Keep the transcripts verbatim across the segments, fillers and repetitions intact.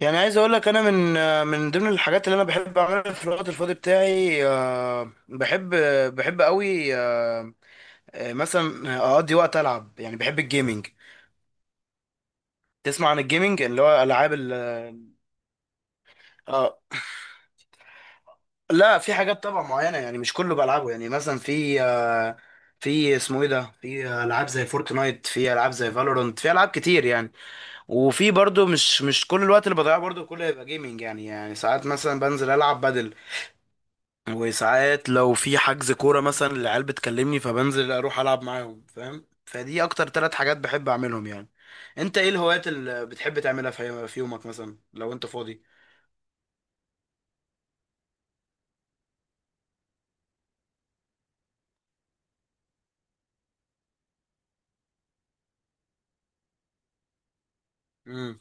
يعني عايز اقول لك انا من من ضمن الحاجات اللي انا بحب اعملها في الوقت الفاضي بتاعي، آه، بحب بحب قوي. آه، آه، مثلا اقضي وقت العب، يعني بحب الجيمنج. تسمع عن الجيمنج؟ اللي هو العاب ال اه. لا، في حاجات طبعا معينه، يعني مش كله بلعبه. يعني مثلا في آه، في اسمه ايه ده، في العاب زي فورتنايت، في العاب زي فالورانت، في العاب كتير يعني. وفي برضو مش مش كل الوقت اللي بضيعه برضو كله يبقى جيمنج. يعني يعني ساعات مثلا بنزل العب بدل. وساعات لو في حجز كورة مثلا العيال بتكلمني، فبنزل اروح العب معاهم، فاهم؟ فدي اكتر ثلاث حاجات بحب اعملهم يعني. انت ايه الهوايات اللي بتحب تعملها في في يومك مثلا لو انت فاضي؟ امم.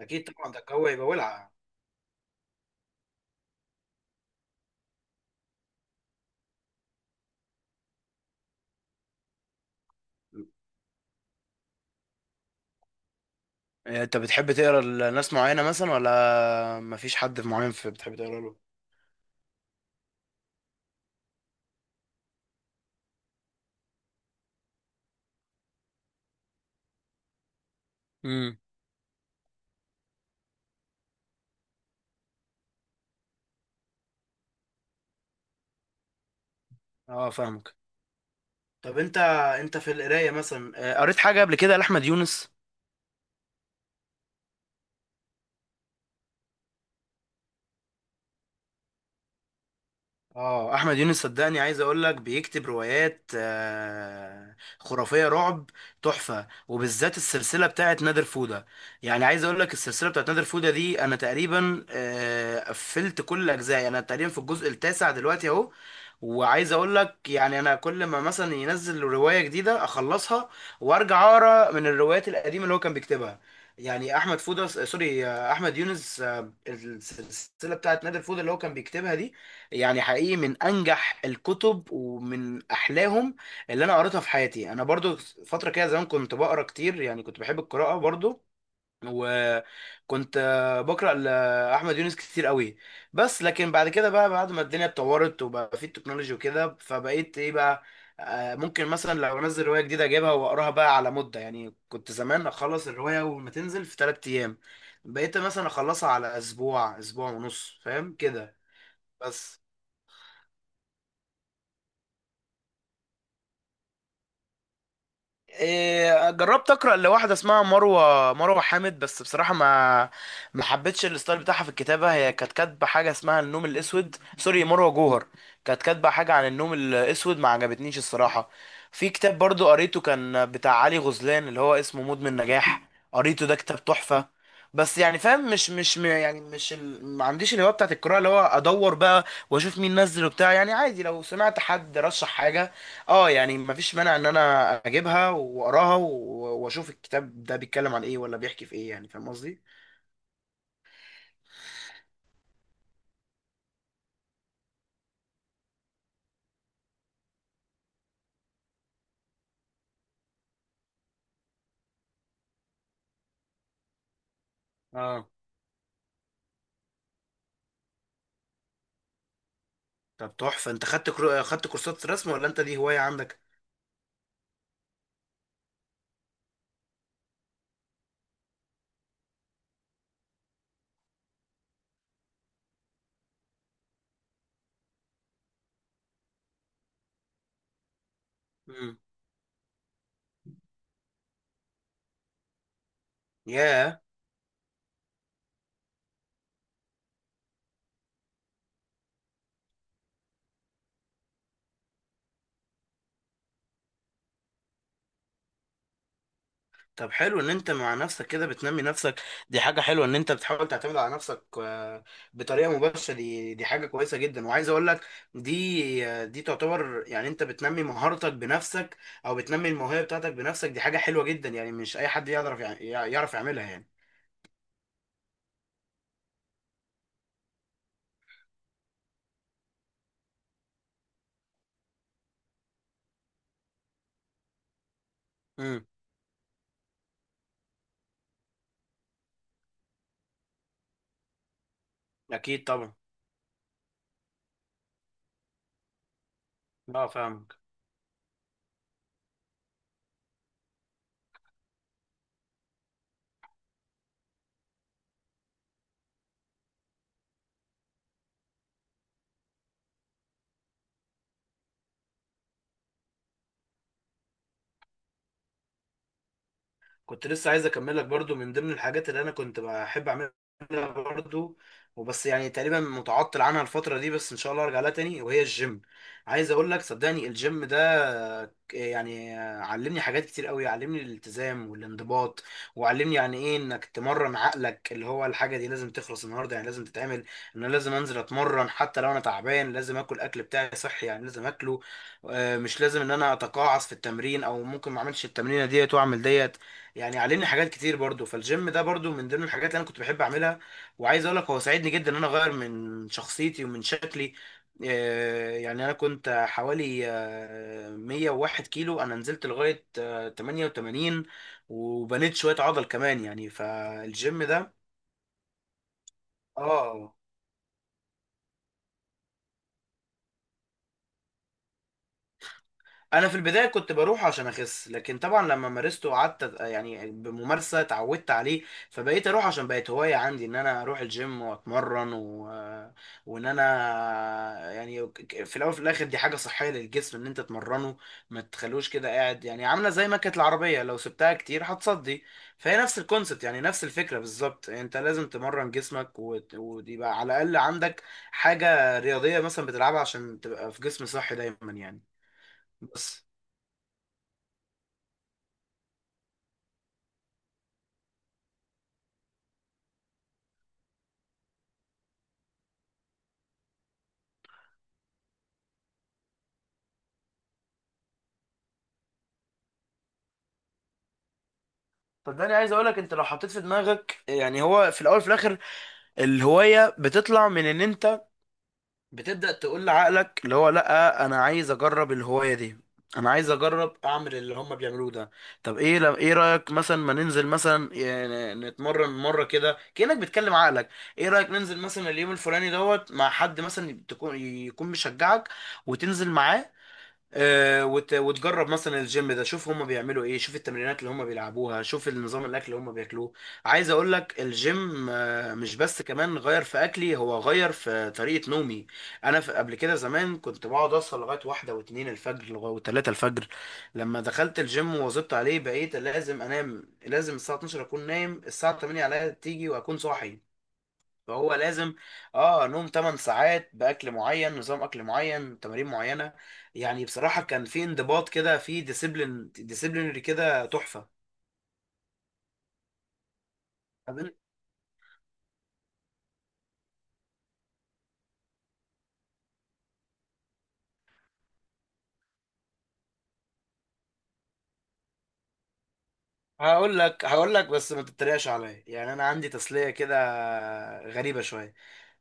اكيد طبعا، ده الجو يبقى ولع. انت بتحب تقرا لناس معينة مثلا، ولا مفيش حد معين في بتحب تقرا له؟ امم. اه فاهمك. طب انت، انت في القراية مثلا، آه، قريت حاجة قبل كده لأحمد يونس؟ اه، احمد يونس صدقني عايز اقول لك بيكتب روايات آه، خرافيه رعب، تحفه، وبالذات السلسله بتاعت نادر فوده. يعني عايز اقول لك السلسله بتاعت نادر فوده دي انا تقريبا آه، قفلت كل الاجزاء، انا تقريبا في الجزء التاسع دلوقتي اهو. وعايز اقول لك يعني انا كل ما مثلا ينزل روايه جديده اخلصها، وارجع اقرا من الروايات القديمه اللي هو كان بيكتبها. يعني احمد فوده آه، سوري، آه، احمد يونس، آه، السلسله بتاعت نادر فوده اللي هو كان بيكتبها دي، يعني حقيقي من انجح الكتب ومن احلاهم اللي انا قريتها في حياتي. انا برضو فتره كده زمان كنت بقرا كتير، يعني كنت بحب القراءه برضو. وكنت آه، بقرا لاحمد يونس كتير قوي. بس لكن بعد كده بقى، بعد ما الدنيا اتطورت وبقى في التكنولوجي وكده، فبقيت ايه بقى، آه، ممكن مثلا لو انزل روايه جديده اجيبها واقراها بقى على مده. يعني كنت زمان اخلص الروايه اول ما تنزل في ثلاث ايام، بقيت مثلا اخلصها على اسبوع، اسبوع ونص، فاهم كده؟ بس إيه، جربت اقرا لواحده اسمها مروه مروه حامد، بس بصراحه ما ما حبيتش الستايل بتاعها في الكتابه. هي كانت كاتبه حاجه اسمها النوم الاسود، سوري مروه جوهر. كانت كاتبه حاجه عن النوم الاسود، ما عجبتنيش الصراحه. في كتاب برضو قريته كان بتاع علي غزلان اللي هو اسمه مدمن نجاح، قريته ده كتاب تحفه. بس يعني فاهم، مش مش م- يعني مش ال... ما عنديش الهوايه بتاعت القراءه اللي هو ادور بقى واشوف مين نزل وبتاع. يعني عادي لو سمعت حد رشح حاجه، اه، يعني مفيش مانع ان انا اجيبها واقراها و- واشوف الكتاب ده بيتكلم عن ايه ولا بيحكي في ايه. يعني فاهم قصدي؟ اه. طب تحفه، انت خدت كرو... خدت كورسات رسم ولا انت دي هوايه عندك؟ امم. ياه. طب حلو ان انت مع نفسك كده بتنمي نفسك، دي حاجه حلوه ان انت بتحاول تعتمد على نفسك، آه، بطريقه مباشره، دي دي حاجه كويسه جدا. وعايز اقول لك، دي آه، دي تعتبر يعني انت بتنمي مهارتك بنفسك، او بتنمي الموهبه بتاعتك بنفسك، دي حاجه حلوه جدا. يعني مش اي حد يعرف يع- يعرف يعملها يعني. اكيد طبعا. اه فاهم. كنت لسه عايز اكمل لك، برضو من ضمن الحاجات اللي انا كنت بحب اعملها برضو، وبس يعني تقريبا متعطل عنها الفترة دي، بس ان شاء الله ارجع لها تاني، وهي الجيم. عايز اقول لك صدقني الجيم ده يعني علمني حاجات كتير قوي، علمني الالتزام والانضباط، وعلمني يعني ايه انك تمرن عقلك، اللي هو الحاجة دي لازم تخلص النهاردة، يعني لازم تتعمل، ان انا لازم انزل اتمرن حتى لو انا تعبان، لازم اكل اكل بتاعي صحي، يعني لازم اكله. آه، مش لازم ان انا اتقاعس في التمرين، او ممكن ما اعملش التمرينة ديت واعمل ديت. يعني علمني حاجات كتير برضو. فالجيم ده برضو من ضمن الحاجات اللي انا كنت بحب اعملها. وعايز اقول لك هو ساعدني جدا ان انا اغير من شخصيتي ومن شكلي. آه، يعني انا كنت حوالي آه، 101 كيلو، انا نزلت لغاية آه، تمانية وتمانين، وبنيت شوية عضل كمان يعني. فالجيم ده، اه. انا في البدايه كنت بروح عشان اخس، لكن طبعا لما مارسته وقعدت أت- يعني بممارسه اتعودت عليه، فبقيت اروح عشان بقت هوايه عندي ان انا اروح الجيم واتمرن و... وان انا يعني ك- في الاول وفي الاخر دي حاجه صحيه للجسم ان انت تمرنه. ما تخلوش كده قاعد، يعني عامله زي مكنه العربيه، لو سبتها كتير هتصدي. فهي نفس الكونسبت، يعني نفس الفكره بالظبط، انت لازم تمرن جسمك وت... ويبقى على الاقل عندك حاجه رياضيه مثلا بتلعبها عشان تبقى في جسم صحي دايما يعني. بس صدقني عايز اقولك، انت لو حطيت في دماغك، يعني هو في الاول وفي الاخر الهواية بتطلع من ان انت بتبدأ تقول لعقلك اللي هو لا، انا عايز اجرب الهواية دي، انا عايز اجرب اعمل اللي هم بيعملوه ده. طب ايه، لو ايه رأيك مثلا ما ننزل مثلا يعني نتمرن مرة كده، كأنك بتكلم عقلك. ايه رأيك ننزل مثلا اليوم الفلاني دوت مع حد مثلا تكون يكون مشجعك وتنزل معاه، آه، وت- وتجرب مثلا الجيم ده، شوف هما بيعملوا ايه، شوف التمرينات اللي هما بيلعبوها، شوف النظام الاكل اللي هما بياكلوه. عايز اقول لك الجيم آه، مش بس كمان غير في اكلي، هو غير في طريقة نومي. انا في قبل كده زمان كنت بقعد اوصل لغاية واحدة واتنين الفجر، لغاية وتلاتة الفجر. لما دخلت الجيم وواظبت عليه بقيت لازم انام، لازم الساعة اتناشر اكون نايم، الساعة تمانية عليا تيجي واكون صاحي. فهو لازم، اه، نوم 8 ساعات، باكل معين، نظام اكل معين، تمارين معينه. يعني بصراحه كان في انضباط كده، في ديسيبلين ديسيبلينري كده تحفه. طب أنت- هقول لك هقول لك بس ما تتريقش عليا، يعني انا عندي تسليه كده غريبه شويه.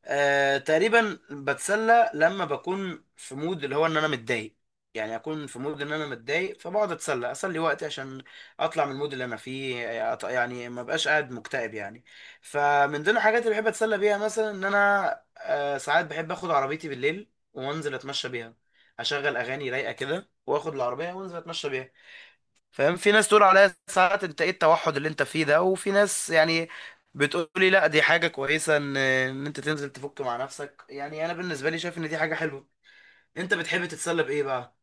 آه، تقريبا بتسلى لما بكون في مود اللي هو ان انا متضايق، يعني اكون في مود ان انا متضايق، فبقعد اتسلى اسلي وقتي عشان اطلع من المود اللي انا فيه. آه، أط- يعني ما بقاش قاعد مكتئب يعني. فمن ضمن الحاجات اللي بحب اتسلى بيها مثلا ان انا، آه، ساعات بحب اخد عربيتي بالليل وانزل اتمشى بيها، اشغل اغاني رايقه كده واخد العربيه وانزل اتمشى بيها، فاهم؟ في ناس تقول عليها ساعات انت ايه التوحد اللي انت فيه ده، وفي ناس يعني بتقولي لا دي حاجة كويسة ان ان انت تنزل تفك مع نفسك. يعني انا بالنسبة لي شايف ان دي حاجة حلوة. انت بتحب تتسلى بايه بقى؟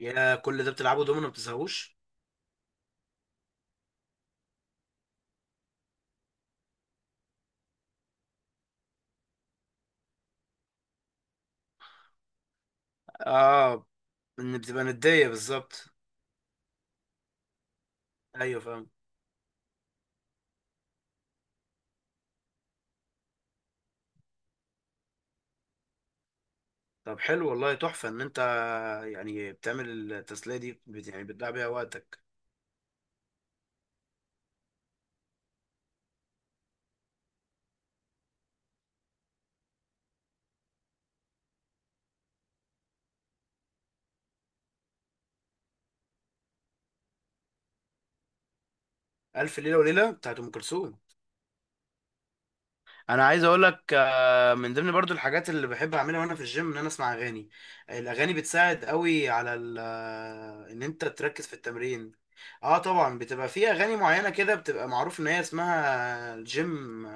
يا كل ده بتلعبه دومينو ما بتزهقوش؟ اه، ان بتبقى ندية بالظبط. ايوه فاهم. طب حلو والله، تحفة ان انت يعني بتعمل التسلية دي بت- يعني بتضيع بيها وقتك. الف ليلة وليلة بتاعت ام كلثوم. انا عايز اقول لك، من ضمن برضو الحاجات اللي بحب اعملها وانا في الجيم ان انا اسمع اغاني. الاغاني بتساعد قوي على ال- ان انت تركز في التمرين. اه طبعا، بتبقى في اغاني معينه كده بتبقى معروف ان هي اسمها جيم،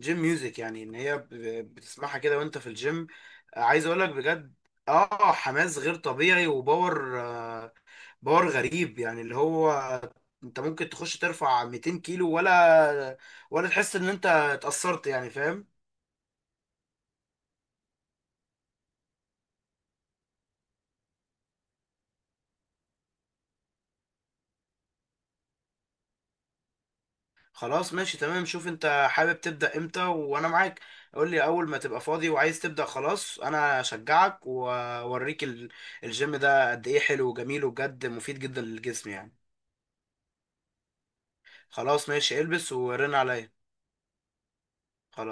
جيم ميوزك، يعني ان هي ب- بتسمعها كده وانت في الجيم. عايز اقولك بجد، اه حماس غير طبيعي وباور، آه، باور غريب، يعني اللي هو انت ممكن تخش ترفع 200 كيلو، ولا ولا تحس ان انت اتأثرت يعني، فاهم؟ خلاص ماشي تمام، شوف انت حابب تبدأ امتى وانا معاك. قول لي اول ما تبقى فاضي وعايز تبدأ، خلاص انا اشجعك واوريك ال- الجيم ده قد ايه حلو وجميل وبجد مفيد جدا للجسم يعني. خلاص ماشي، البس ورن عليا. خلاص.